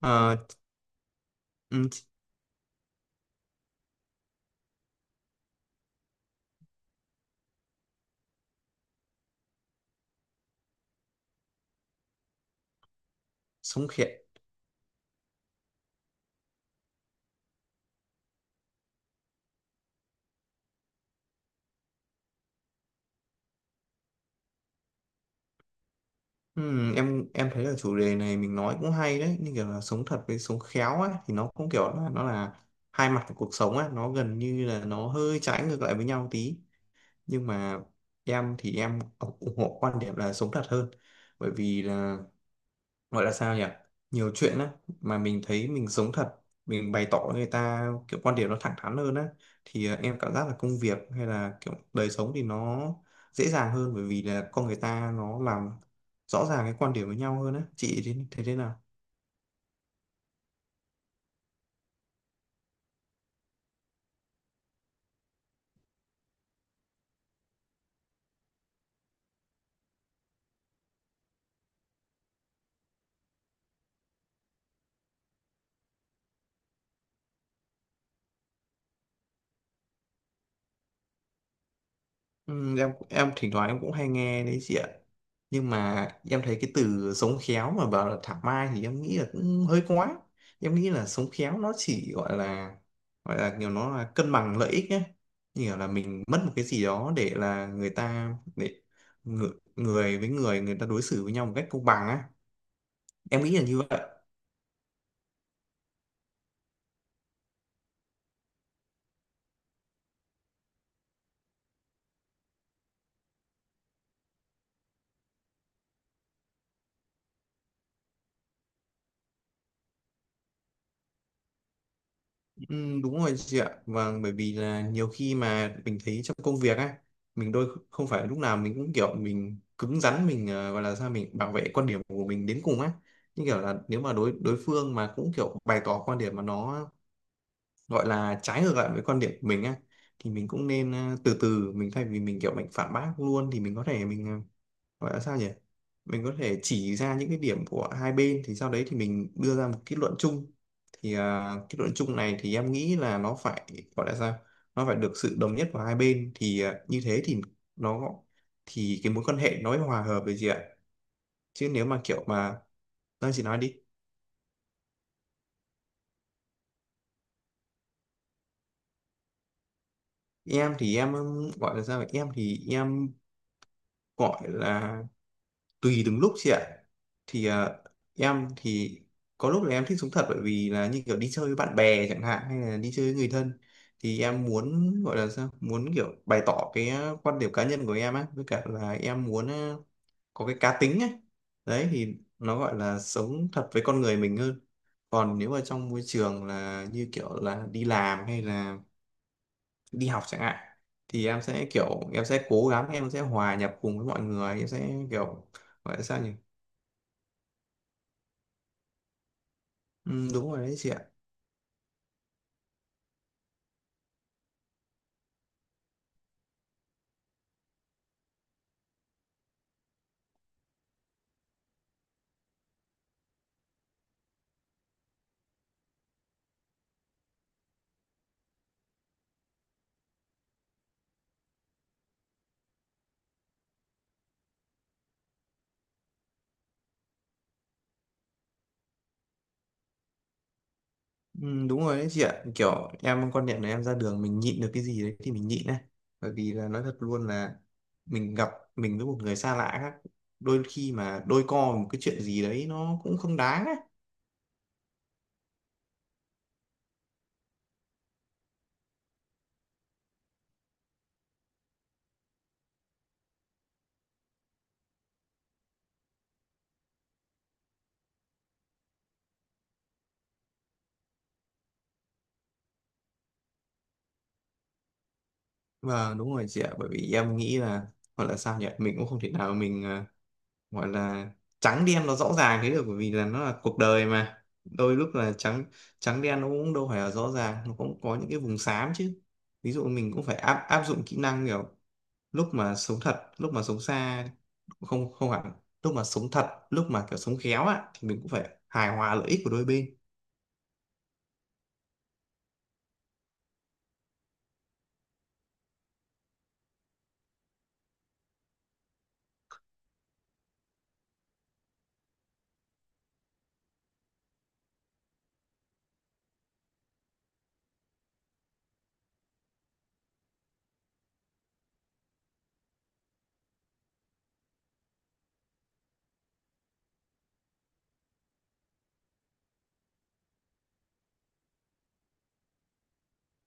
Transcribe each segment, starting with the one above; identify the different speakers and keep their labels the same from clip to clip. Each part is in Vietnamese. Speaker 1: Ờ, ừm, sống khéo. Em thấy là chủ đề này mình nói cũng hay đấy, như kiểu là sống thật với sống khéo ấy thì nó cũng kiểu là nó là hai mặt của cuộc sống ấy, nó gần như là nó hơi trái ngược lại với nhau tí, nhưng mà em thì em ủng ủng hộ quan điểm là sống thật hơn, bởi vì là gọi là sao nhỉ, nhiều chuyện á mà mình thấy mình giống thật, mình bày tỏ với người ta kiểu quan điểm nó thẳng thắn hơn á, thì em cảm giác là công việc hay là kiểu đời sống thì nó dễ dàng hơn, bởi vì là con người ta nó làm rõ ràng cái quan điểm với nhau hơn á. Chị thì thế thế nào? Ừ, em thỉnh thoảng em cũng hay nghe đấy chị ạ, nhưng mà em thấy cái từ sống khéo mà bảo là thảo mai thì em nghĩ là cũng hơi quá. Em nghĩ là sống khéo nó chỉ gọi là, gọi là kiểu nó là cân bằng lợi ích nhé, kiểu là mình mất một cái gì đó để là người ta để người, người với người người ta đối xử với nhau một cách công bằng á. Em nghĩ là như vậy. Ừ, đúng rồi chị ạ. Vâng, bởi vì là nhiều khi mà mình thấy trong công việc á, mình đôi không phải lúc nào mình cũng kiểu mình cứng rắn mình gọi là sao mình bảo vệ quan điểm của mình đến cùng á. Nhưng kiểu là nếu mà đối đối phương mà cũng kiểu bày tỏ quan điểm mà nó gọi là trái ngược lại với quan điểm của mình á, thì mình cũng nên từ từ mình thay vì mình kiểu mình phản bác luôn, thì mình có thể mình gọi là sao nhỉ, mình có thể chỉ ra những cái điểm của hai bên, thì sau đấy thì mình đưa ra một kết luận chung. Thì à, kết luận chung này thì em nghĩ là nó phải gọi là sao, nó phải được sự đồng nhất của hai bên, thì à, như thế thì nó thì cái mối quan hệ nó mới hòa hợp với chị ạ. Chứ nếu mà kiểu mà đang chị nói đi. Em thì em gọi là sao vậy? Em thì em gọi là tùy từng lúc chị ạ. Thì em thì có lúc là em thích sống thật, bởi vì là như kiểu đi chơi với bạn bè chẳng hạn hay là đi chơi với người thân, thì em muốn gọi là sao muốn kiểu bày tỏ cái quan điểm cá nhân của em á, với cả là em muốn có cái cá tính ấy. Đấy thì nó gọi là sống thật với con người mình hơn. Còn nếu mà trong môi trường là như kiểu là đi làm hay là đi học chẳng hạn, thì em sẽ kiểu em sẽ cố gắng em sẽ hòa nhập cùng với mọi người, em sẽ kiểu gọi là sao nhỉ. Ừ, đúng rồi đấy chị ạ. Ừ, đúng rồi đấy chị ạ, kiểu em quan niệm là em ra đường mình nhịn được cái gì đấy thì mình nhịn đấy, bởi vì là nói thật luôn là mình gặp mình với một người xa lạ khác, đôi khi mà đôi co một cái chuyện gì đấy nó cũng không đáng ấy. Và đúng rồi chị ạ, bởi vì em nghĩ là gọi là sao nhỉ, mình cũng không thể nào mình gọi là trắng đen nó rõ ràng thế được, bởi vì là nó là cuộc đời mà, đôi lúc là trắng trắng đen nó cũng đâu phải là rõ ràng, nó cũng có những cái vùng xám chứ. Ví dụ mình cũng phải áp áp dụng kỹ năng kiểu lúc mà sống thật lúc mà sống xa, không, không hẳn, lúc mà sống thật lúc mà kiểu sống khéo á, thì mình cũng phải hài hòa lợi ích của đôi bên.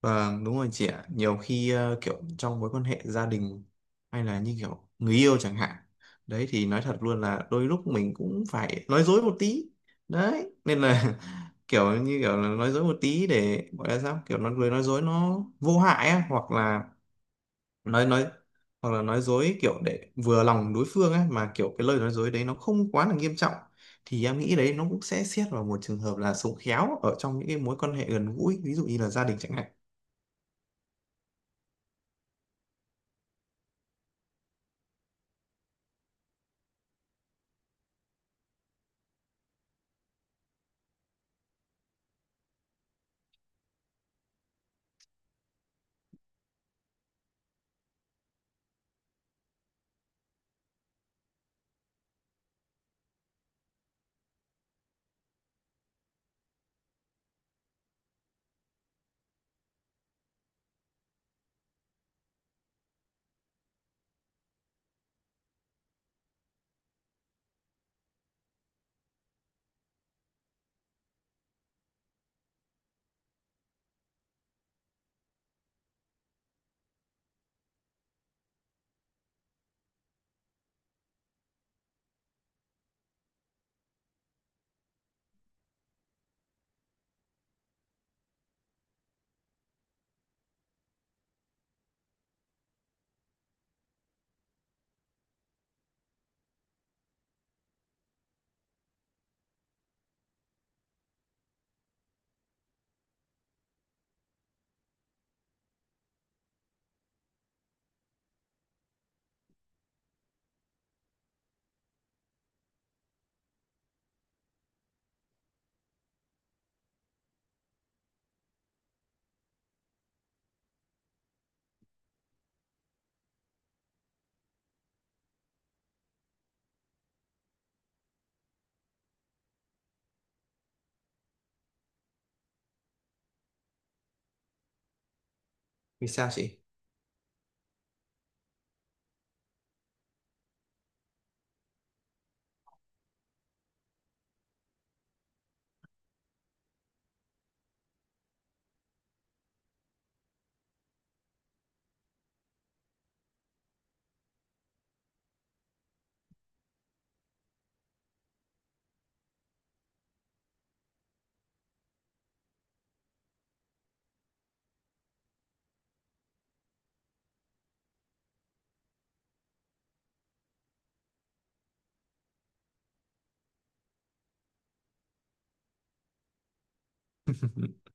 Speaker 1: Vâng, đúng rồi chị ạ, nhiều khi kiểu trong mối quan hệ gia đình hay là như kiểu người yêu chẳng hạn, đấy thì nói thật luôn là đôi lúc mình cũng phải nói dối một tí. Đấy nên là kiểu như kiểu là nói dối một tí để gọi là sao, kiểu nói lời nói dối nó vô hại á, hoặc là nói hoặc là nói dối kiểu để vừa lòng đối phương ấy mà kiểu cái lời nói dối đấy nó không quá là nghiêm trọng, thì em nghĩ đấy nó cũng sẽ xét vào một trường hợp là sống khéo ở trong những cái mối quan hệ gần gũi, ví dụ như là gia đình chẳng hạn. Vì sao chị?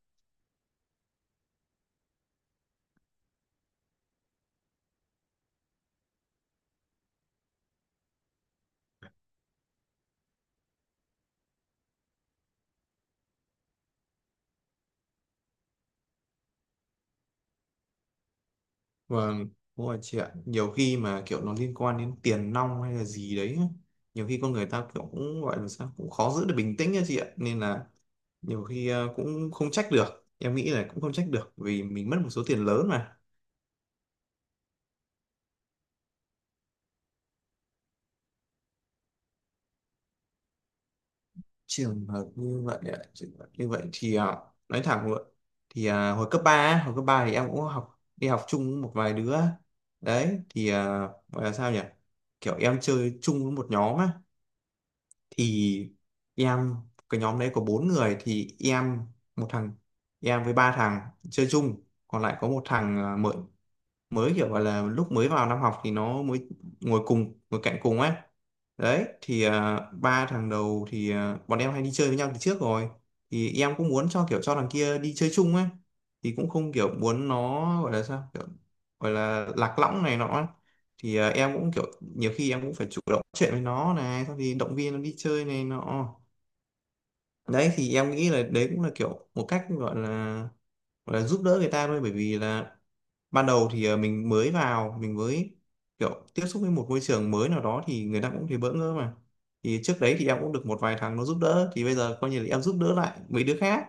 Speaker 1: Vâng, đúng rồi chị ạ, nhiều khi mà kiểu nó liên quan đến tiền nong hay là gì đấy, nhiều khi con người ta kiểu cũng gọi là sao cũng khó giữ được bình tĩnh nha chị ạ, nên là nhiều khi cũng không trách được, em nghĩ là cũng không trách được vì mình mất một số tiền lớn mà. Trường hợp như vậy ạ? Trường hợp như vậy thì à, nói thẳng luôn thì à, hồi cấp 3 thì em cũng học đi học chung với một vài đứa. Đấy thì à, gọi là sao nhỉ, kiểu em chơi chung với một nhóm á. Thì em cái nhóm đấy có bốn người, thì em một thằng, em với ba thằng chơi chung, còn lại có một thằng mới, kiểu gọi là lúc mới vào năm học thì nó mới ngồi cùng ngồi cạnh cùng ấy. Đấy thì à, ba thằng đầu thì à, bọn em hay đi chơi với nhau từ trước rồi, thì em cũng muốn cho kiểu cho thằng kia đi chơi chung ấy. Thì cũng không kiểu muốn nó gọi là sao kiểu, gọi là lạc lõng này nọ ấy. Thì à, em cũng kiểu nhiều khi em cũng phải chủ động chuyện với nó này, xong thì động viên nó đi chơi này nọ. Đấy thì em nghĩ là đấy cũng là kiểu một cách gọi là, gọi là giúp đỡ người ta thôi, bởi vì là ban đầu thì mình mới vào mình mới kiểu tiếp xúc với một môi trường mới nào đó thì người ta cũng thấy bỡ ngỡ mà. Thì trước đấy thì em cũng được một vài thằng nó giúp đỡ, thì bây giờ coi như là em giúp đỡ lại mấy đứa khác.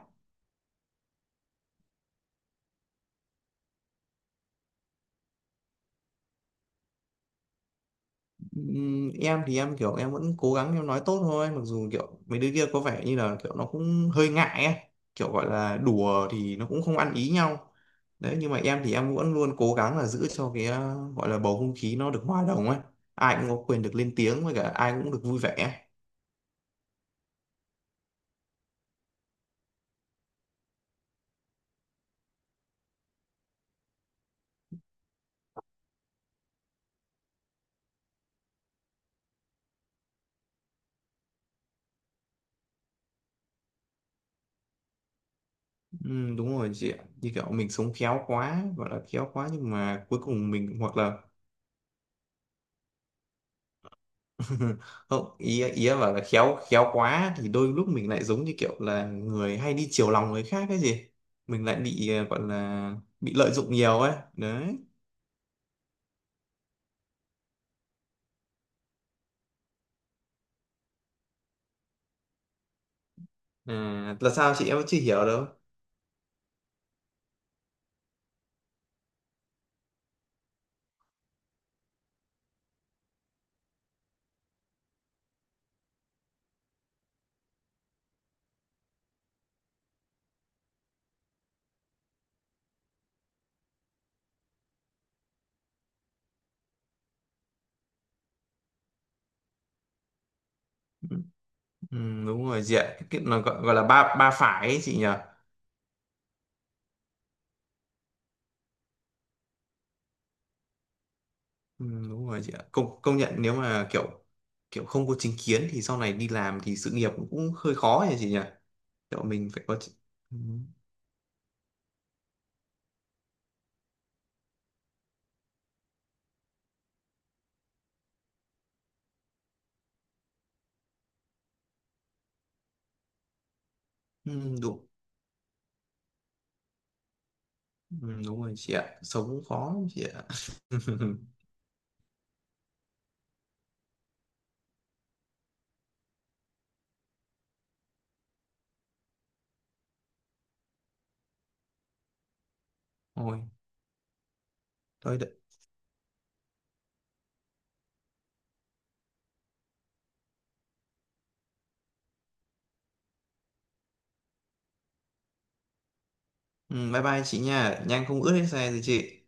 Speaker 1: Em thì em kiểu em vẫn cố gắng em nói tốt thôi, mặc dù kiểu mấy đứa kia có vẻ như là kiểu nó cũng hơi ngại ấy. Kiểu gọi là đùa thì nó cũng không ăn ý nhau. Đấy nhưng mà em thì em vẫn luôn cố gắng là giữ cho cái gọi là bầu không khí nó được hòa đồng ấy, ai cũng có quyền được lên tiếng với cả ai cũng được vui vẻ. Ừ, đúng rồi chị ạ, như kiểu mình sống khéo quá, gọi là khéo quá, nhưng mà cuối cùng mình hoặc là không, ý ý em bảo là khéo khéo quá thì đôi lúc mình lại giống như kiểu là người hay đi chiều lòng người khác cái gì, mình lại bị gọi là bị lợi dụng nhiều ấy đấy. À, là sao chị, em vẫn chưa hiểu đâu. Ừ, đúng rồi chị ạ, cái nó gọi, gọi là ba ba phải ấy, chị nhỉ? Ừ, đúng rồi chị ạ, công công nhận, nếu mà kiểu kiểu không có chính kiến thì sau này đi làm thì sự nghiệp cũng hơi khó nhỉ chị nhỉ, kiểu mình phải có chị- Ừ. Ừ, đúng. Ừ, đúng rồi chị ạ, sống cũng khó lắm chị ạ. Thôi. Thôi đợi- Ừ, bye bye chị nha, nhang không ướt hết xe rồi chị.